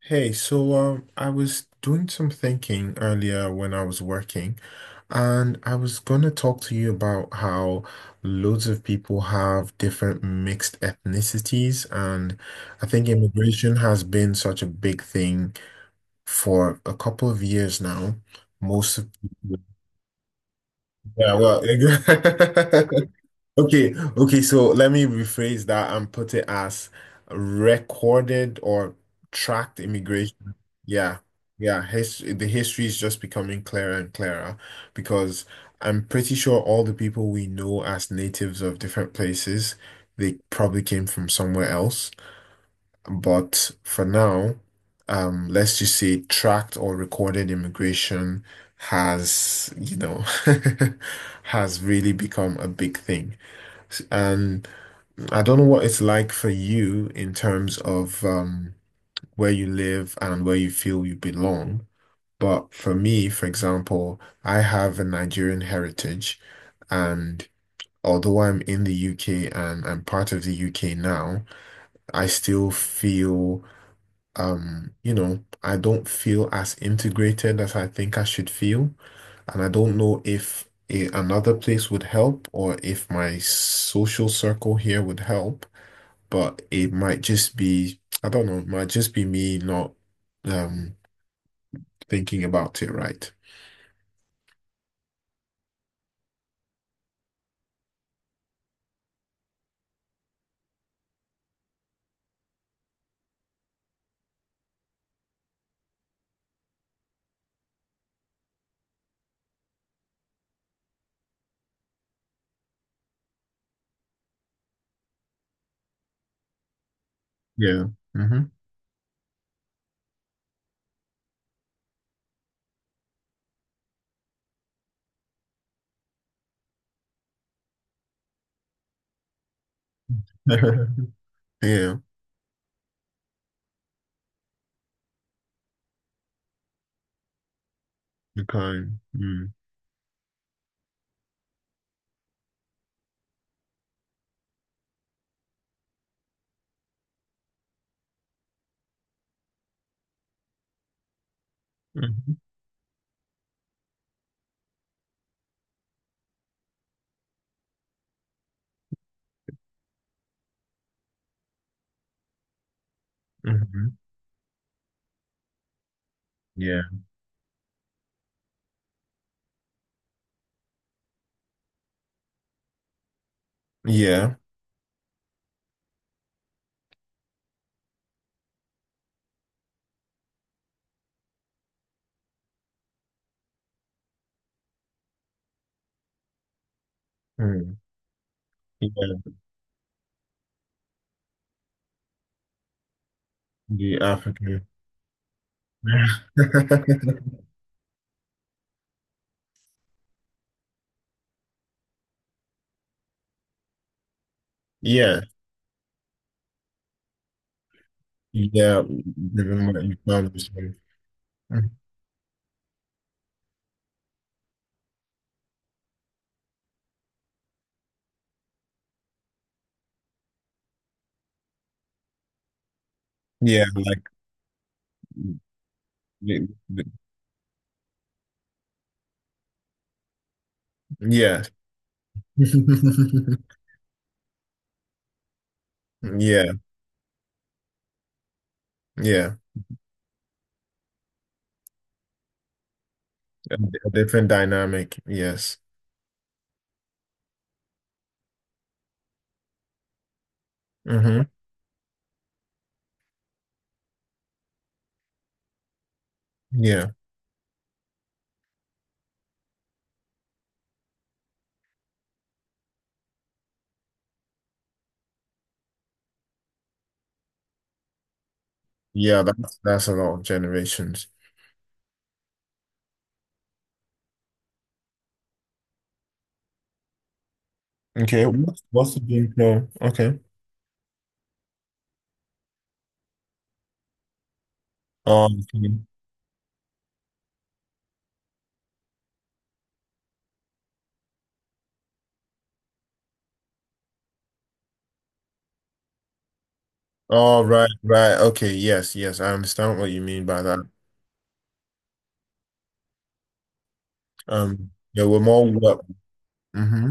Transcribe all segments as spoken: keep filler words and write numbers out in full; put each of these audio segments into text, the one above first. Hey, so um, I was doing some thinking earlier when I was working, and I was gonna talk to you about how loads of people have different mixed ethnicities, and I think immigration has been such a big thing for a couple of years now. Most of people, yeah, well, Okay, okay, so let me rephrase that and put it as recorded or tracked immigration. Yeah, yeah, his the history is just becoming clearer and clearer because I'm pretty sure all the people we know as natives of different places, they probably came from somewhere else. But for now, um, let's just say tracked or recorded immigration has, you know, has really become a big thing. And I don't know what it's like for you in terms of um, where you live and where you feel you belong. But for me, for example, I have a Nigerian heritage. And although I'm in the U K and I'm part of the U K now, I still feel, um, you know, I don't feel as integrated as I think I should feel. And I don't know if a, another place would help or if my social circle here would help, but it might just be, I don't know, it might just be me not um thinking about it right. Yeah. Hmm. Yeah. The kind. Mm. Hmm. Hmm. Yeah. Yeah. Mm. Yeah. The African. Yeah, yeah, living what you found is safe. Yeah, like y- y- yeah, yeah, yeah. A, d- a different dynamic. Yes. Mm-hmm. Yeah, yeah. That's that's a lot of generations. Okay, what's what's the game flow? Okay. Um. Oh, right, right. Okay. Yes, yes. I understand what you mean by that. Um. Yeah, we're more. What. Mm-hmm.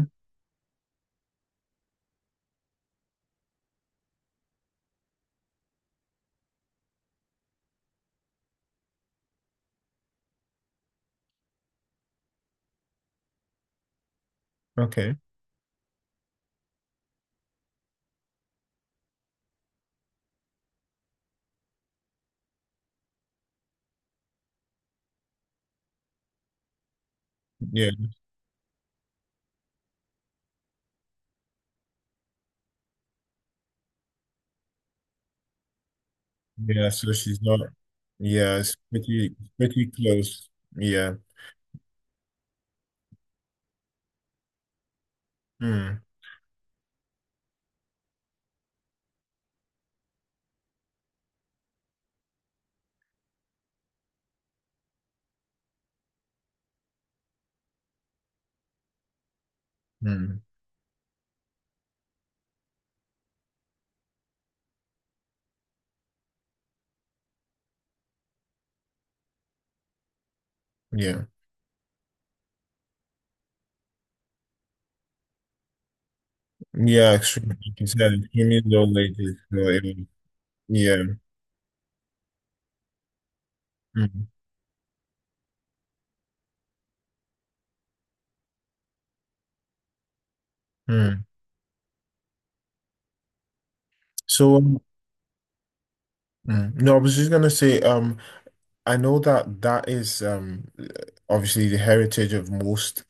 Okay. Yeah. Yeah, so she's not. Yeah, it's pretty pretty close. Yeah. Mm, mm, yeah. Yeah, extremely, like you said, extremely low latency. So it was, yeah. Mm, mm. So um, mm, no, I was just gonna say, um, I know that that is um obviously the heritage of most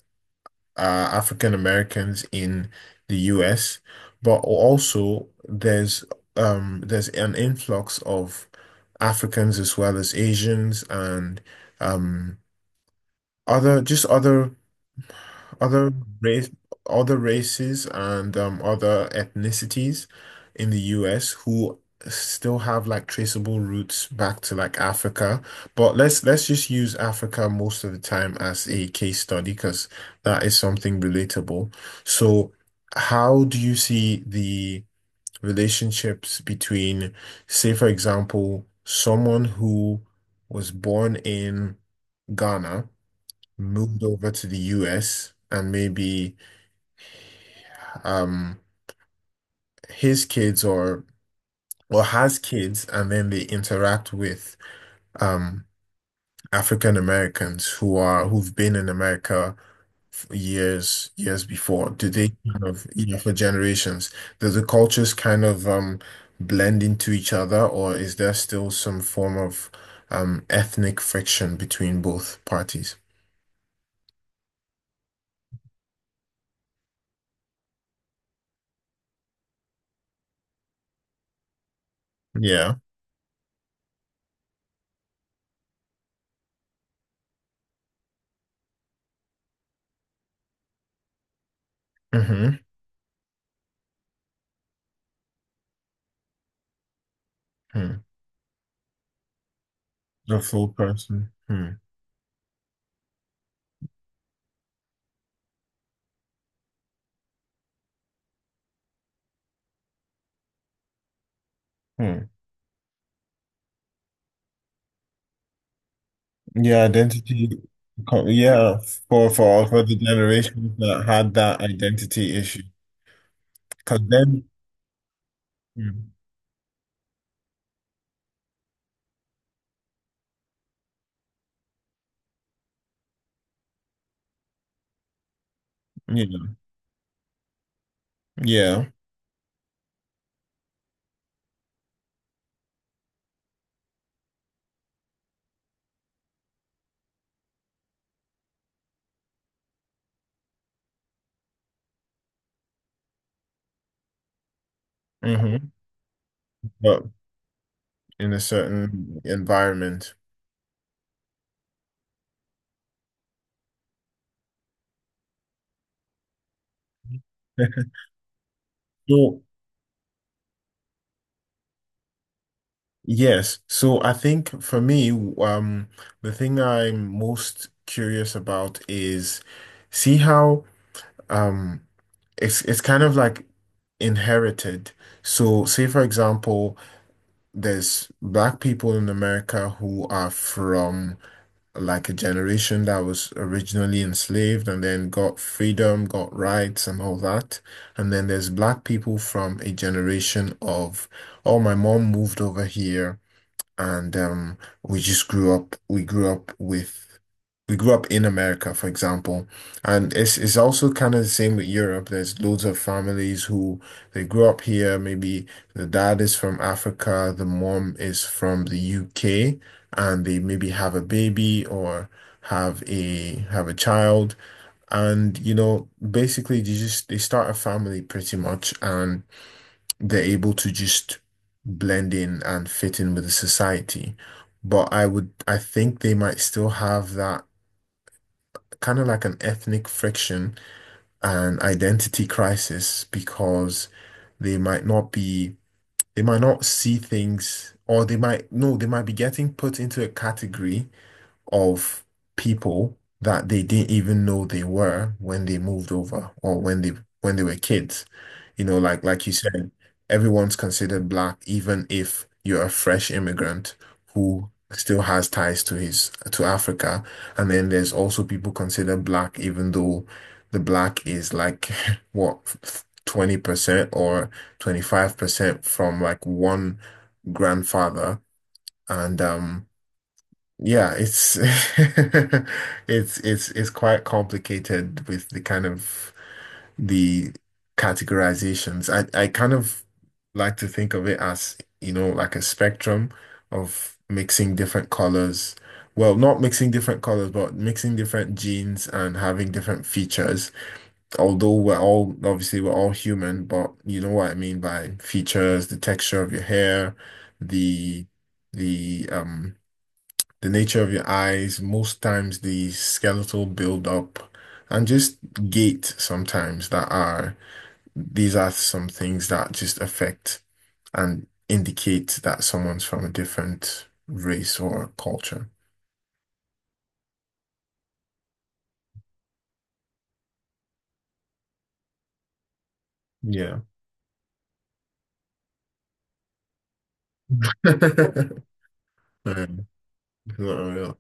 uh, African Americans in the U S, but also there's um, there's an influx of Africans as well as Asians and um, other just other other race, other races and um, other ethnicities in the U S who still have like traceable roots back to like Africa. But let's let's just use Africa most of the time as a case study because that is something relatable. So how do you see the relationships between, say, for example, someone who was born in Ghana? Moved over to the U S and maybe um his kids, or or has kids, and then they interact with um African Americans who are who've been in America for years years before. Do they kind of, you know, for generations? Do the cultures kind of um blend into each other, or is there still some form of um ethnic friction between both parties? Yeah. Mm-hmm. The full person. Hmm. Hmm. Yeah, identity. co- Yeah, for for for the generations that had that identity issue, because then, Mm, you know, yeah, hmm, but in a certain environment. So yes, so I think for me, um, the thing I'm most curious about is see how um it's it's kind of like inherited. So say for example, there's black people in America who are from like a generation that was originally enslaved and then got freedom, got rights and all that. And then there's black people from a generation of, oh, my mom moved over here, and um we just grew up, we grew up with we grew up in America, for example. And it's it's also kind of the same with Europe. There's loads of families who they grew up here maybe. The dad is from Africa, the mom is from the U K, and they maybe have a baby or have a have a child, and you know, basically they just they start a family pretty much, and they're able to just blend in and fit in with the society. But I would, I think they might still have that kind of like an ethnic friction and identity crisis because they might not be, they might not see things, or they might, no, they might be getting put into a category of people that they didn't even know they were when they moved over or when they when they were kids. You know, like like you said, everyone's considered black, even if you're a fresh immigrant who still has ties to his to Africa. And then there's also people considered black, even though the black is like what, twenty percent or twenty-five percent from like one grandfather. And um yeah, it's it's it's it's quite complicated with the kind of the categorizations. I I kind of like to think of it as, you know, like a spectrum of mixing different colors. Well, not mixing different colors, but mixing different genes and having different features. Although we're all, obviously we're all human, but you know what I mean by features, the texture of your hair, the the um the nature of your eyes, most times the skeletal buildup, and just gait sometimes that are, these are some things that just affect and indicate that someone's from a different race or culture. Yeah. Um, it's not real.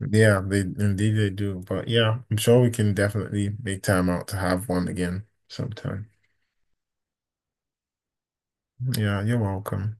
Yeah, they indeed they do. But yeah, I'm sure we can definitely make time out to have one again sometime. Yeah, you're welcome.